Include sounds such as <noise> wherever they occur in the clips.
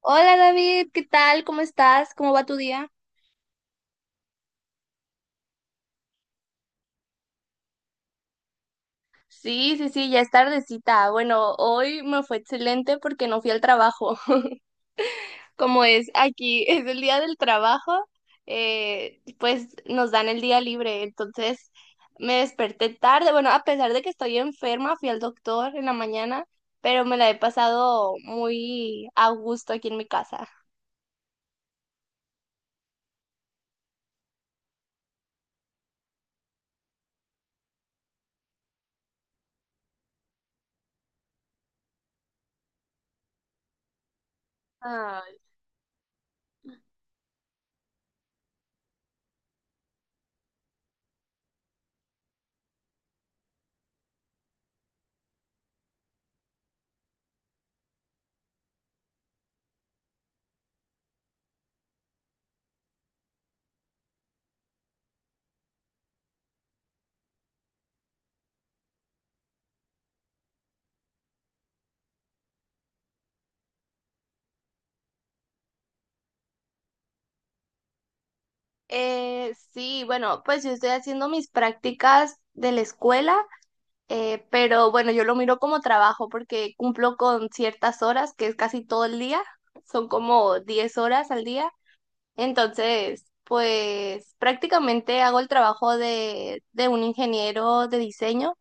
Hola David, ¿qué tal? ¿Cómo estás? ¿Cómo va tu día? Sí, sí, sí, ya es tardecita. Bueno, hoy me fue excelente porque no fui al trabajo. <laughs> Como es aquí, <laughs> es el día del trabajo, pues nos dan el día libre. Entonces me desperté tarde. Bueno, a pesar de que estoy enferma, fui al doctor en la mañana, pero me la he pasado muy a gusto aquí en mi casa. Ay. Sí, bueno, pues yo estoy haciendo mis prácticas de la escuela. Pero bueno, yo lo miro como trabajo porque cumplo con ciertas horas, que es casi todo el día, son como 10 horas al día. Entonces, pues prácticamente hago el trabajo de un ingeniero de diseño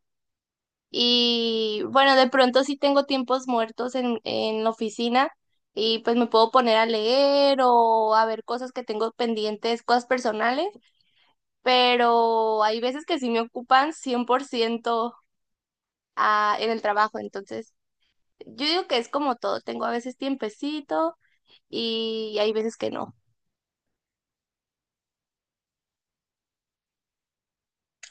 y bueno, de pronto sí tengo tiempos muertos en la oficina y pues me puedo poner a leer o a ver cosas que tengo pendientes, cosas personales, pero hay veces que sí me ocupan 100% en el trabajo, entonces... Yo digo que es como todo, tengo a veces tiempecito y hay veces que no.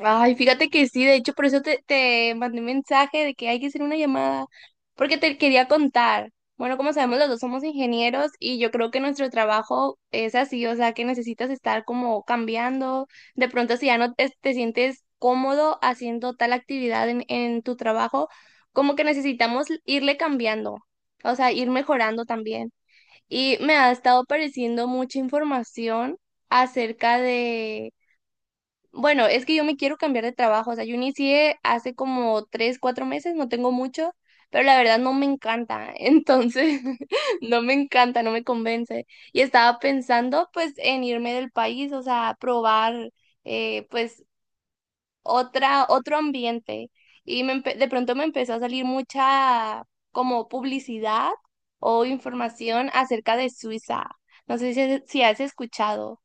Ay, fíjate que sí, de hecho, por eso te mandé un mensaje de que hay que hacer una llamada, porque te quería contar. Bueno, como sabemos, los dos somos ingenieros y yo creo que nuestro trabajo es así, o sea, que necesitas estar como cambiando. De pronto, si ya no te sientes cómodo haciendo tal actividad en tu trabajo, como que necesitamos irle cambiando, o sea, ir mejorando también. Y me ha estado apareciendo mucha información acerca de, bueno, es que yo me quiero cambiar de trabajo, o sea, yo inicié hace como 3, 4 meses, no tengo mucho, pero la verdad no me encanta, <laughs> entonces <laughs> no me encanta, no me convence. Y estaba pensando pues en irme del país, o sea, probar pues otro ambiente. Y de pronto me empezó a salir mucha como publicidad o información acerca de Suiza. No sé si has escuchado.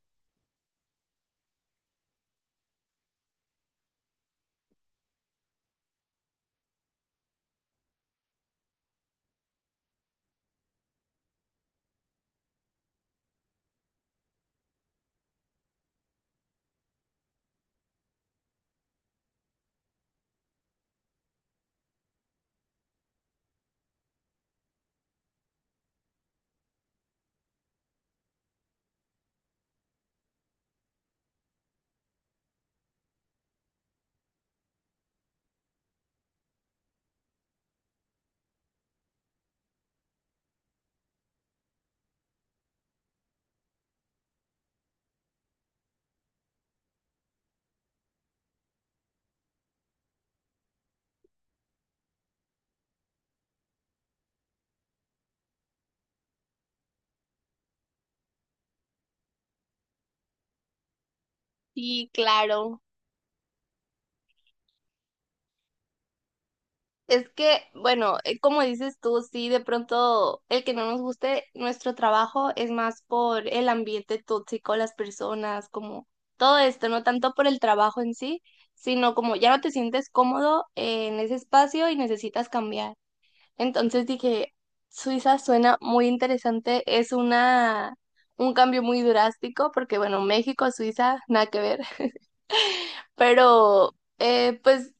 Sí, claro. Es que, bueno, como dices tú, sí, de pronto el que no nos guste nuestro trabajo es más por el ambiente tóxico, las personas, como todo esto, no tanto por el trabajo en sí, sino como ya no te sientes cómodo en ese espacio y necesitas cambiar. Entonces dije, Suiza suena muy interesante, un cambio muy drástico, porque bueno, México, Suiza, nada que ver, <laughs> pero pues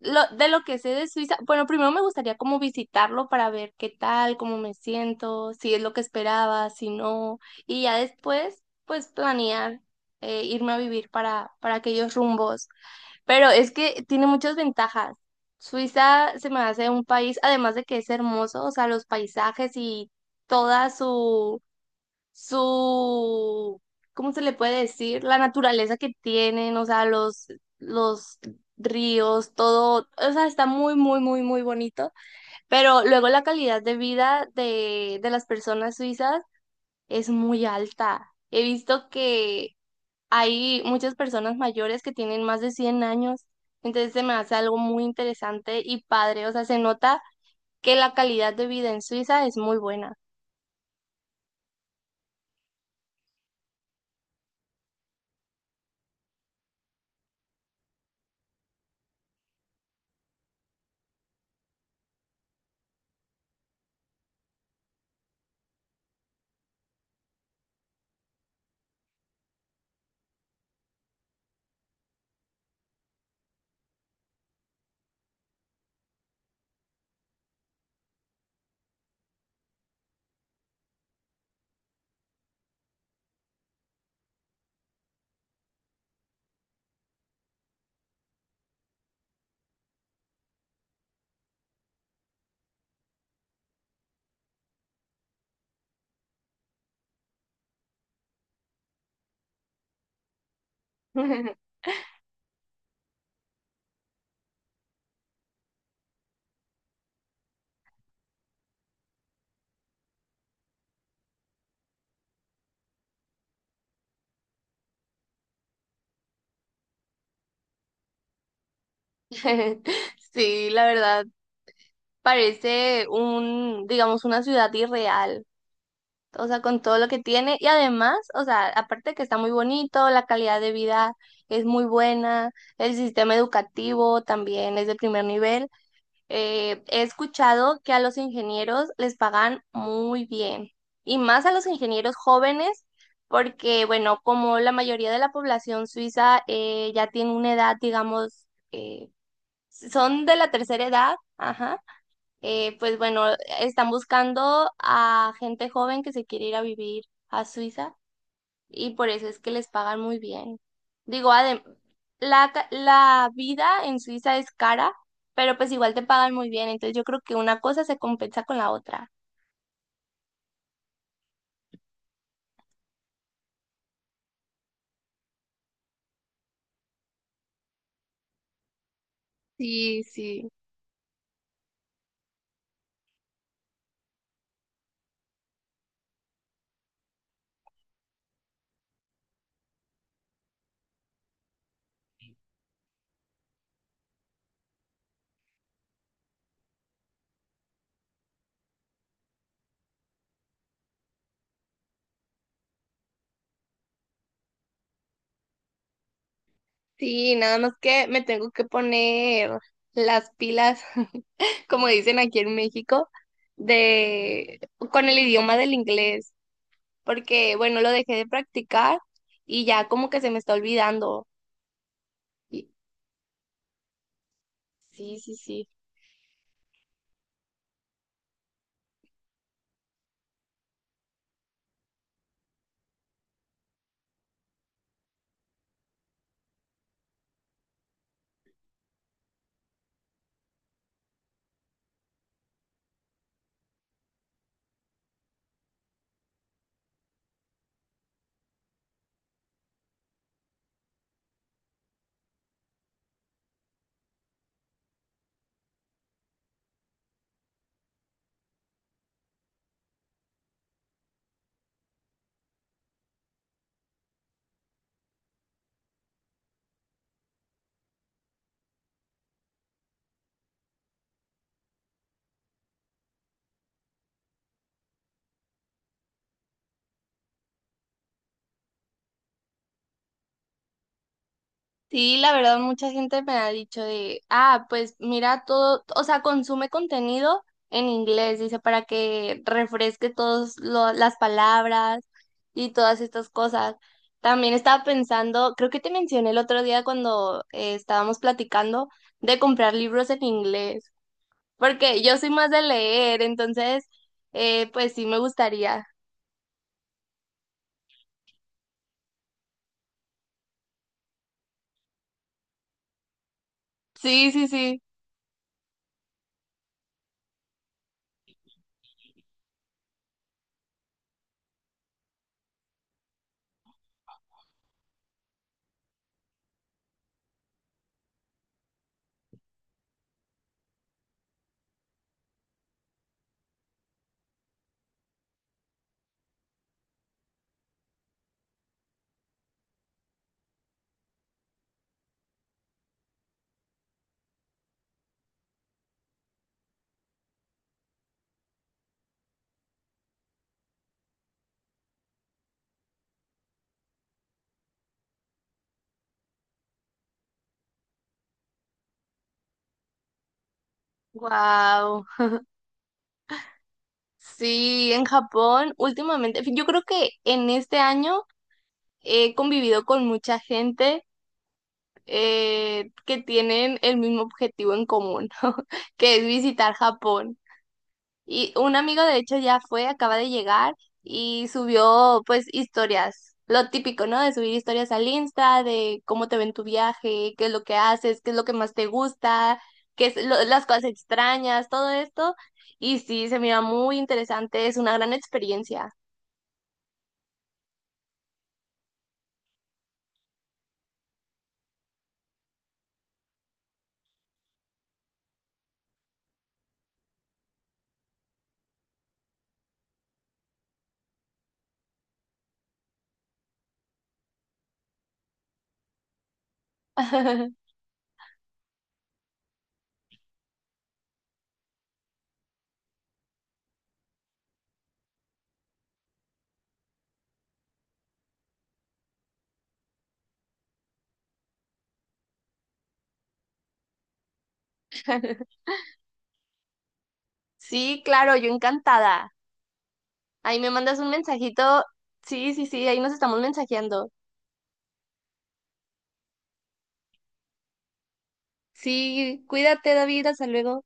de lo que sé de Suiza, bueno, primero me gustaría como visitarlo para ver qué tal, cómo me siento, si es lo que esperaba, si no, y ya después, pues planear, irme a vivir para aquellos rumbos. Pero es que tiene muchas ventajas. Suiza se me hace un país, además de que es hermoso, o sea, los paisajes y toda su, ¿cómo se le puede decir? La naturaleza que tienen, o sea, los ríos, todo, o sea, está muy, muy, muy, muy bonito. Pero luego la calidad de vida de las personas suizas es muy alta. He visto que hay muchas personas mayores que tienen más de 100 años, entonces se me hace algo muy interesante y padre, o sea, se nota que la calidad de vida en Suiza es muy buena. <laughs> Sí, la verdad, parece un, digamos, una ciudad irreal, o sea, con todo lo que tiene y además, o sea, aparte de que está muy bonito, la calidad de vida es muy buena, el sistema educativo también es de primer nivel. He escuchado que a los ingenieros les pagan muy bien y más a los ingenieros jóvenes porque, bueno, como la mayoría de la población suiza ya tiene una edad, digamos, son de la tercera edad, ajá, pues bueno, están buscando a gente joven que se quiere ir a vivir a Suiza y por eso es que les pagan muy bien. Digo, adem La, la vida en Suiza es cara, pero pues igual te pagan muy bien, entonces yo creo que una cosa se compensa con la otra. Sí, sí, sí, nada más que me tengo que poner las pilas, <laughs> como dicen aquí en México, de con el idioma del inglés, porque bueno, lo dejé de practicar y ya como que se me está olvidando. Y- Sí, sí, sí. Sí, la verdad, mucha gente me ha dicho de, ah, pues mira todo, o sea, consume contenido en inglés, dice, para que refresque todas las palabras y todas estas cosas. También estaba pensando, creo que te mencioné el otro día cuando estábamos platicando de comprar libros en inglés, porque yo soy más de leer, entonces, pues sí me gustaría. Sí, sí, sí. Wow. Sí, en Japón últimamente, yo creo que en este año he convivido con mucha gente que tienen el mismo objetivo en común, <laughs> que es visitar Japón. Y un amigo de hecho ya fue, acaba de llegar y subió pues historias, lo típico, ¿no? De subir historias al Insta, de cómo te ven tu viaje, qué es lo que haces, qué es lo que más te gusta, las cosas extrañas, todo esto. Y sí, se mira muy interesante, es una gran experiencia. <laughs> Sí, claro, yo encantada. Ahí me mandas un mensajito. Sí, sí, sí, ahí nos estamos mensajeando. Sí, cuídate, David, hasta luego.